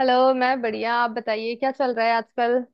Hello. मैं बढ़िया, आप बताइए क्या चल रहा है आजकल।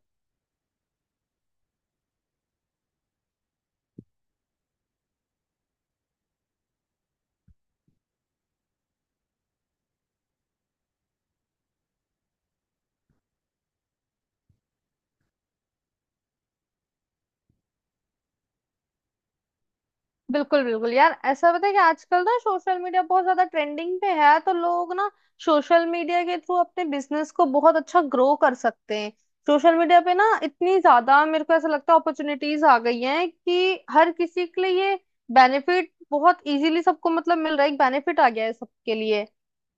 बिल्कुल बिल्कुल यार, ऐसा पता है कि आजकल ना सोशल मीडिया बहुत ज्यादा ट्रेंडिंग पे है, तो लोग ना सोशल मीडिया के थ्रू अपने बिजनेस को बहुत अच्छा ग्रो कर सकते हैं। सोशल मीडिया पे ना इतनी ज्यादा मेरे को ऐसा लगता है अपॉर्चुनिटीज आ गई हैं कि हर किसी के लिए ये बेनिफिट बहुत इजीली सबको मतलब मिल रहा है, एक बेनिफिट आ गया है सबके लिए।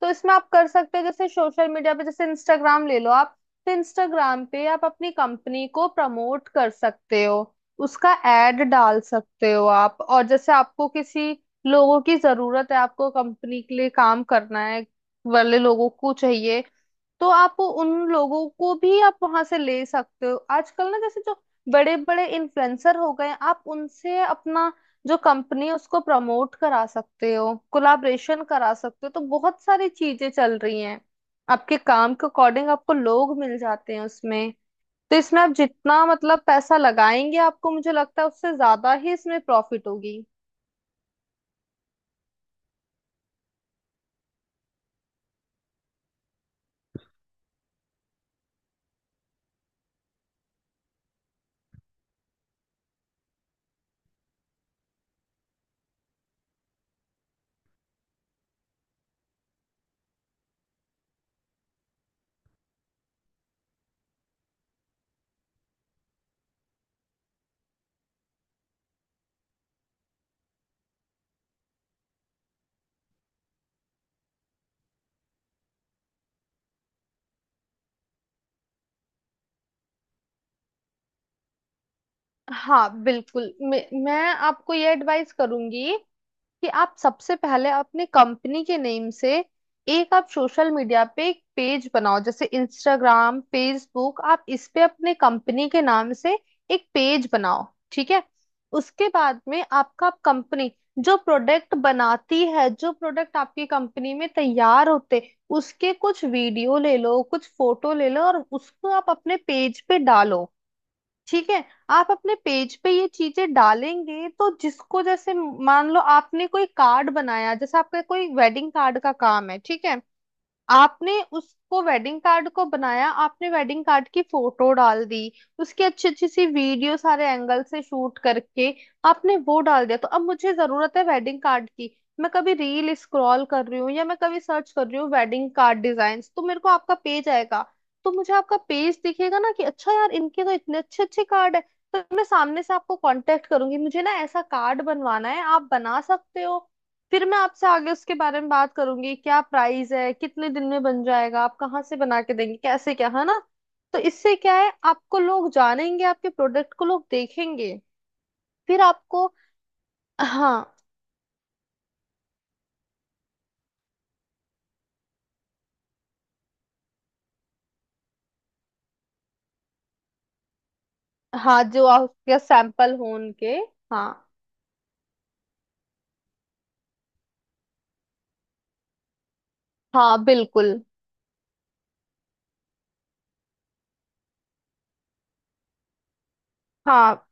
तो इसमें आप कर सकते हो, जैसे सोशल मीडिया पे जैसे इंस्टाग्राम ले लो आप, तो इंस्टाग्राम पे आप अपनी कंपनी को प्रमोट कर सकते हो, उसका एड डाल सकते हो आप। और जैसे आपको किसी लोगों की जरूरत है, आपको कंपनी के लिए काम करना है वाले लोगों को चाहिए, तो आप उन लोगों को भी आप वहां से ले सकते हो। आजकल ना जैसे जो बड़े बड़े इन्फ्लुएंसर हो गए हैं, आप उनसे अपना जो कंपनी है उसको प्रमोट करा सकते हो, कोलाब्रेशन करा सकते हो। तो बहुत सारी चीजें चल रही हैं, आपके काम के अकॉर्डिंग आपको लोग मिल जाते हैं उसमें। तो इसमें आप जितना मतलब पैसा लगाएंगे आपको मुझे लगता है उससे ज्यादा ही इसमें प्रॉफिट होगी। हाँ बिल्कुल, मैं आपको ये एडवाइस करूंगी कि आप सबसे पहले अपने कंपनी के नेम से एक आप सोशल मीडिया पे एक पेज बनाओ, जैसे इंस्टाग्राम, फेसबुक। आप इस पे अपने कंपनी के नाम से एक पेज बनाओ, ठीक है। उसके बाद में आपका कंपनी जो प्रोडक्ट बनाती है, जो प्रोडक्ट आपकी कंपनी में तैयार होते, उसके कुछ वीडियो ले लो, कुछ फोटो ले लो और उसको आप अपने पेज पे डालो, ठीक है। आप अपने पेज पे ये चीजें डालेंगे तो जिसको जैसे, मान लो आपने कोई कार्ड बनाया, जैसे आपका कोई वेडिंग कार्ड का काम है, ठीक है। आपने उसको वेडिंग कार्ड को बनाया, आपने वेडिंग कार्ड की फोटो डाल दी, उसकी अच्छी अच्छी सी वीडियो सारे एंगल से शूट करके आपने वो डाल दिया, तो अब मुझे जरूरत है वेडिंग कार्ड की। मैं कभी रील स्क्रॉल कर रही हूँ या मैं कभी सर्च कर रही हूँ वेडिंग कार्ड डिजाइन्स, तो मेरे को आपका पेज आएगा, तो मुझे आपका पेज दिखेगा ना कि अच्छा यार, इनके तो इतने अच्छे अच्छे कार्ड है। तो मैं सामने से आपको कांटेक्ट करूंगी, मुझे ना ऐसा कार्ड बनवाना है, आप बना सकते हो। फिर मैं आपसे आगे उसके बारे में बात करूंगी, क्या प्राइस है, कितने दिन में बन जाएगा, आप कहाँ से बना के देंगे, कैसे क्या है ना। तो इससे क्या है, आपको लोग जानेंगे, आपके प्रोडक्ट को लोग देखेंगे। फिर आपको, हाँ, हाँ जो आपके सैंपल हो उनके, हाँ, हाँ बिल्कुल। हाँ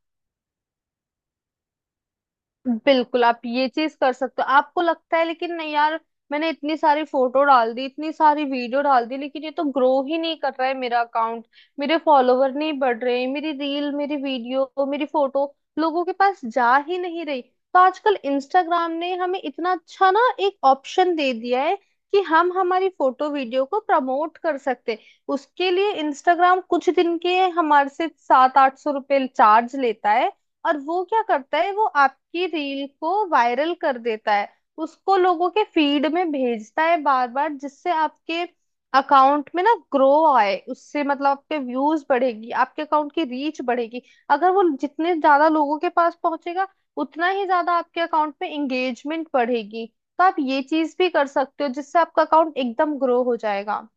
बिल्कुल, आप ये चीज कर सकते हो। आपको लगता है लेकिन नहीं यार, मैंने इतनी सारी फोटो डाल दी, इतनी सारी वीडियो डाल दी, लेकिन ये तो ग्रो ही नहीं कर रहा है मेरा अकाउंट, मेरे फॉलोवर नहीं बढ़ रहे, मेरी रील, मेरी वीडियो, मेरी फोटो लोगों के पास जा ही नहीं रही। तो आजकल इंस्टाग्राम ने हमें इतना अच्छा ना एक ऑप्शन दे दिया है कि हम हमारी फोटो वीडियो को प्रमोट कर सकते हैं। उसके लिए इंस्टाग्राम कुछ दिन के हमारे से 700-800 रुपये चार्ज लेता है, और वो क्या करता है, वो आपकी रील को वायरल कर देता है, उसको लोगों के फीड में भेजता है बार बार, जिससे आपके अकाउंट में ना ग्रो आए। उससे मतलब आपके व्यूज बढ़ेगी, आपके अकाउंट की रीच बढ़ेगी। अगर वो जितने ज्यादा लोगों के पास पहुंचेगा, उतना ही ज्यादा आपके अकाउंट में एंगेजमेंट बढ़ेगी। तो आप ये चीज भी कर सकते हो, जिससे आपका अकाउंट एकदम ग्रो हो जाएगा।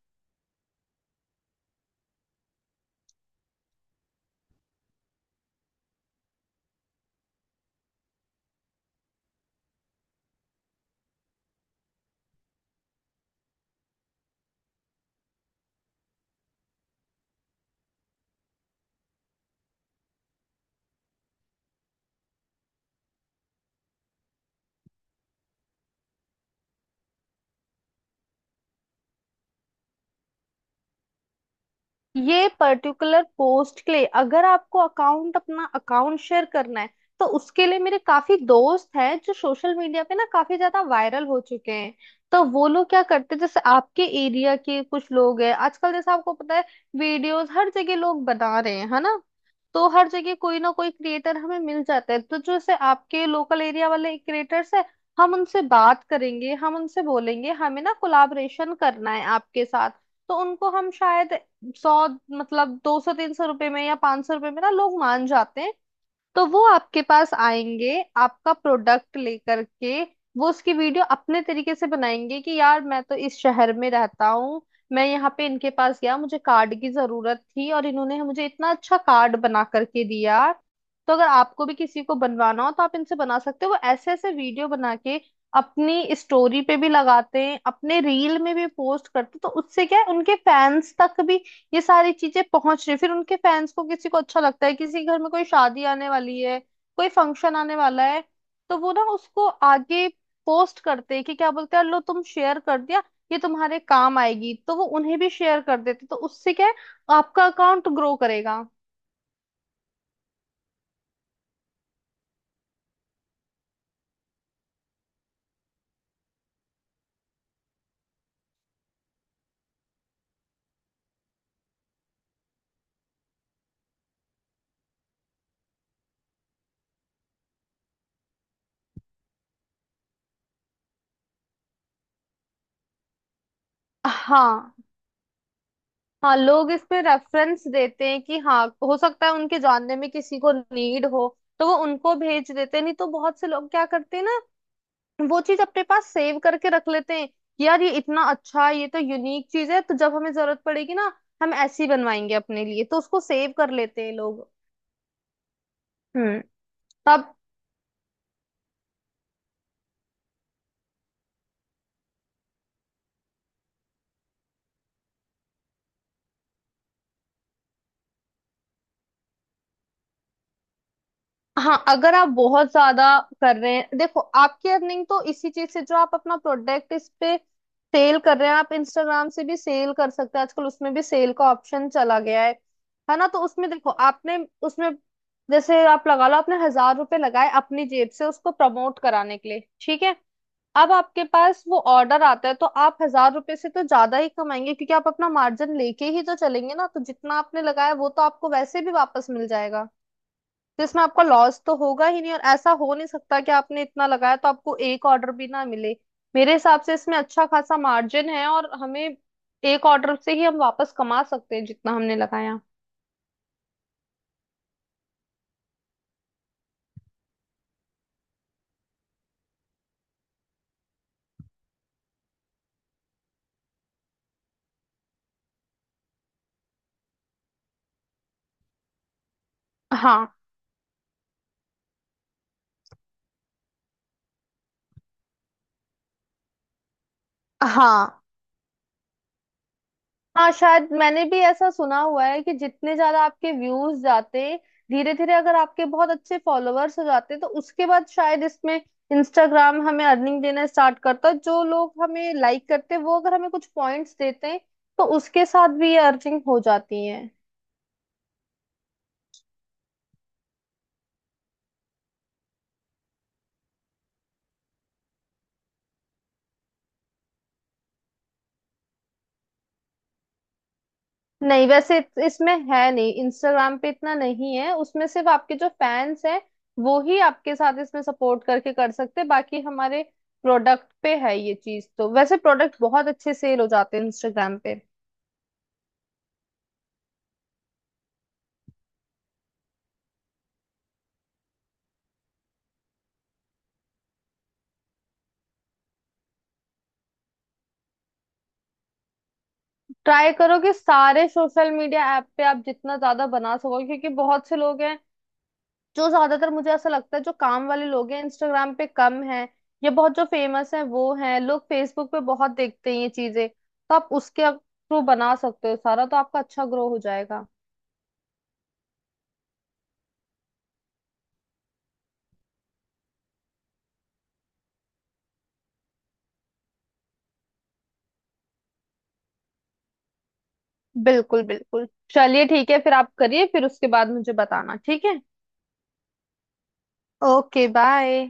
ये पर्टिकुलर पोस्ट के लिए। अगर आपको अकाउंट, अपना अकाउंट शेयर करना है, तो उसके लिए मेरे काफी दोस्त हैं जो सोशल मीडिया पे ना काफी ज्यादा वायरल हो चुके हैं। तो वो लोग क्या करते हैं, जैसे आपके एरिया के कुछ लोग हैं आजकल, जैसे आपको पता है, वीडियोस हर जगह लोग बना रहे हैं, है ना। तो हर जगह कोई ना कोई क्रिएटर हमें मिल जाता है। तो जैसे आपके लोकल एरिया वाले क्रिएटर्स है, हम उनसे बात करेंगे, हम उनसे बोलेंगे हमें ना कोलाबरेशन करना है आपके साथ। तो उनको हम शायद 100, मतलब 200-300 रुपए में या 500 रुपए में ना लोग मान जाते हैं। तो वो आपके पास आएंगे, आपका प्रोडक्ट लेकर के, वो उसकी वीडियो अपने तरीके से बनाएंगे कि यार, मैं तो इस शहर में रहता हूँ, मैं यहाँ पे इनके पास गया, मुझे कार्ड की जरूरत थी और इन्होंने मुझे इतना अच्छा कार्ड बना करके दिया। तो अगर आपको भी किसी को बनवाना हो तो आप इनसे बना सकते हो। वो ऐसे ऐसे वीडियो बना के अपनी स्टोरी पे भी लगाते हैं, अपने रील में भी पोस्ट करते हैं। तो उससे क्या है, उनके फैंस तक भी ये सारी चीजें पहुंच रही। फिर उनके फैंस को, किसी को अच्छा लगता है, किसी के घर में कोई शादी आने वाली है, कोई फंक्शन आने वाला है, तो वो ना उसको आगे पोस्ट करते हैं कि क्या बोलते हैं, लो तुम शेयर कर दिया, ये तुम्हारे काम आएगी। तो वो उन्हें भी शेयर कर देते, तो उससे क्या है, आपका अकाउंट ग्रो करेगा। हाँ। हाँ लोग इसमें रेफरेंस देते हैं कि हाँ हो सकता है उनके जानने में किसी को नीड हो, तो वो उनको भेज देते हैं। नहीं तो बहुत से लोग क्या करते हैं ना, वो चीज अपने पास सेव करके रख लेते हैं कि यार ये इतना अच्छा है, ये तो यूनिक चीज है, तो जब हमें जरूरत पड़ेगी ना हम ऐसी बनवाएंगे अपने लिए। तो उसको सेव कर लेते हैं लोग। हम्म। तब, हाँ अगर आप बहुत ज्यादा कर रहे हैं, देखो आपकी अर्निंग तो इसी चीज से, जो आप अपना प्रोडक्ट इस पे सेल कर रहे हैं, आप इंस्टाग्राम से भी सेल कर सकते हैं। आजकल उसमें भी सेल का ऑप्शन चला गया है ना। तो उसमें देखो आपने, उसमें जैसे आप लगा लो, आपने 1000 रुपए लगाए अपनी जेब से उसको प्रमोट कराने के लिए, ठीक है। अब आपके पास वो ऑर्डर आता है, तो आप 1000 रुपए से तो ज्यादा ही कमाएंगे, क्योंकि आप अपना मार्जिन लेके ही तो चलेंगे ना। तो जितना आपने लगाया वो तो आपको वैसे भी वापस मिल जाएगा। तो इसमें आपका लॉस तो होगा ही नहीं, और ऐसा हो नहीं सकता कि आपने इतना लगाया तो आपको एक ऑर्डर भी ना मिले। मेरे हिसाब से इसमें अच्छा खासा मार्जिन है, और हमें एक ऑर्डर से ही हम वापस कमा सकते हैं जितना हमने लगाया। हाँ। हाँ। हाँ शायद मैंने भी ऐसा सुना हुआ है कि जितने ज्यादा आपके व्यूज जाते, धीरे धीरे अगर आपके बहुत अच्छे फॉलोअर्स हो जाते, तो उसके बाद शायद इसमें इंस्टाग्राम हमें अर्निंग देना स्टार्ट करता है। जो लोग हमें लाइक करते हैं वो अगर हमें कुछ पॉइंट्स देते हैं तो उसके साथ भी ये अर्निंग हो जाती है। नहीं, वैसे इसमें है नहीं, इंस्टाग्राम पे इतना नहीं है। उसमें सिर्फ आपके जो फैंस हैं वो ही आपके साथ इसमें सपोर्ट करके कर सकते हैं। बाकी हमारे प्रोडक्ट पे है ये चीज, तो वैसे प्रोडक्ट बहुत अच्छे सेल हो जाते हैं इंस्टाग्राम पे। ट्राई करो कि सारे सोशल मीडिया ऐप पे आप जितना ज्यादा बना सको, क्योंकि बहुत से लोग हैं जो ज्यादातर, मुझे ऐसा लगता है, जो काम वाले लोग हैं इंस्टाग्राम पे कम हैं, या बहुत जो फेमस हैं वो हैं। लोग फेसबुक पे बहुत देखते हैं ये चीजें, तो आप उसके थ्रू बना सकते हो सारा, तो आपका अच्छा ग्रो हो जाएगा। बिल्कुल बिल्कुल। चलिए ठीक है, फिर आप करिए, फिर उसके बाद मुझे बताना, ठीक है। Okay, bye.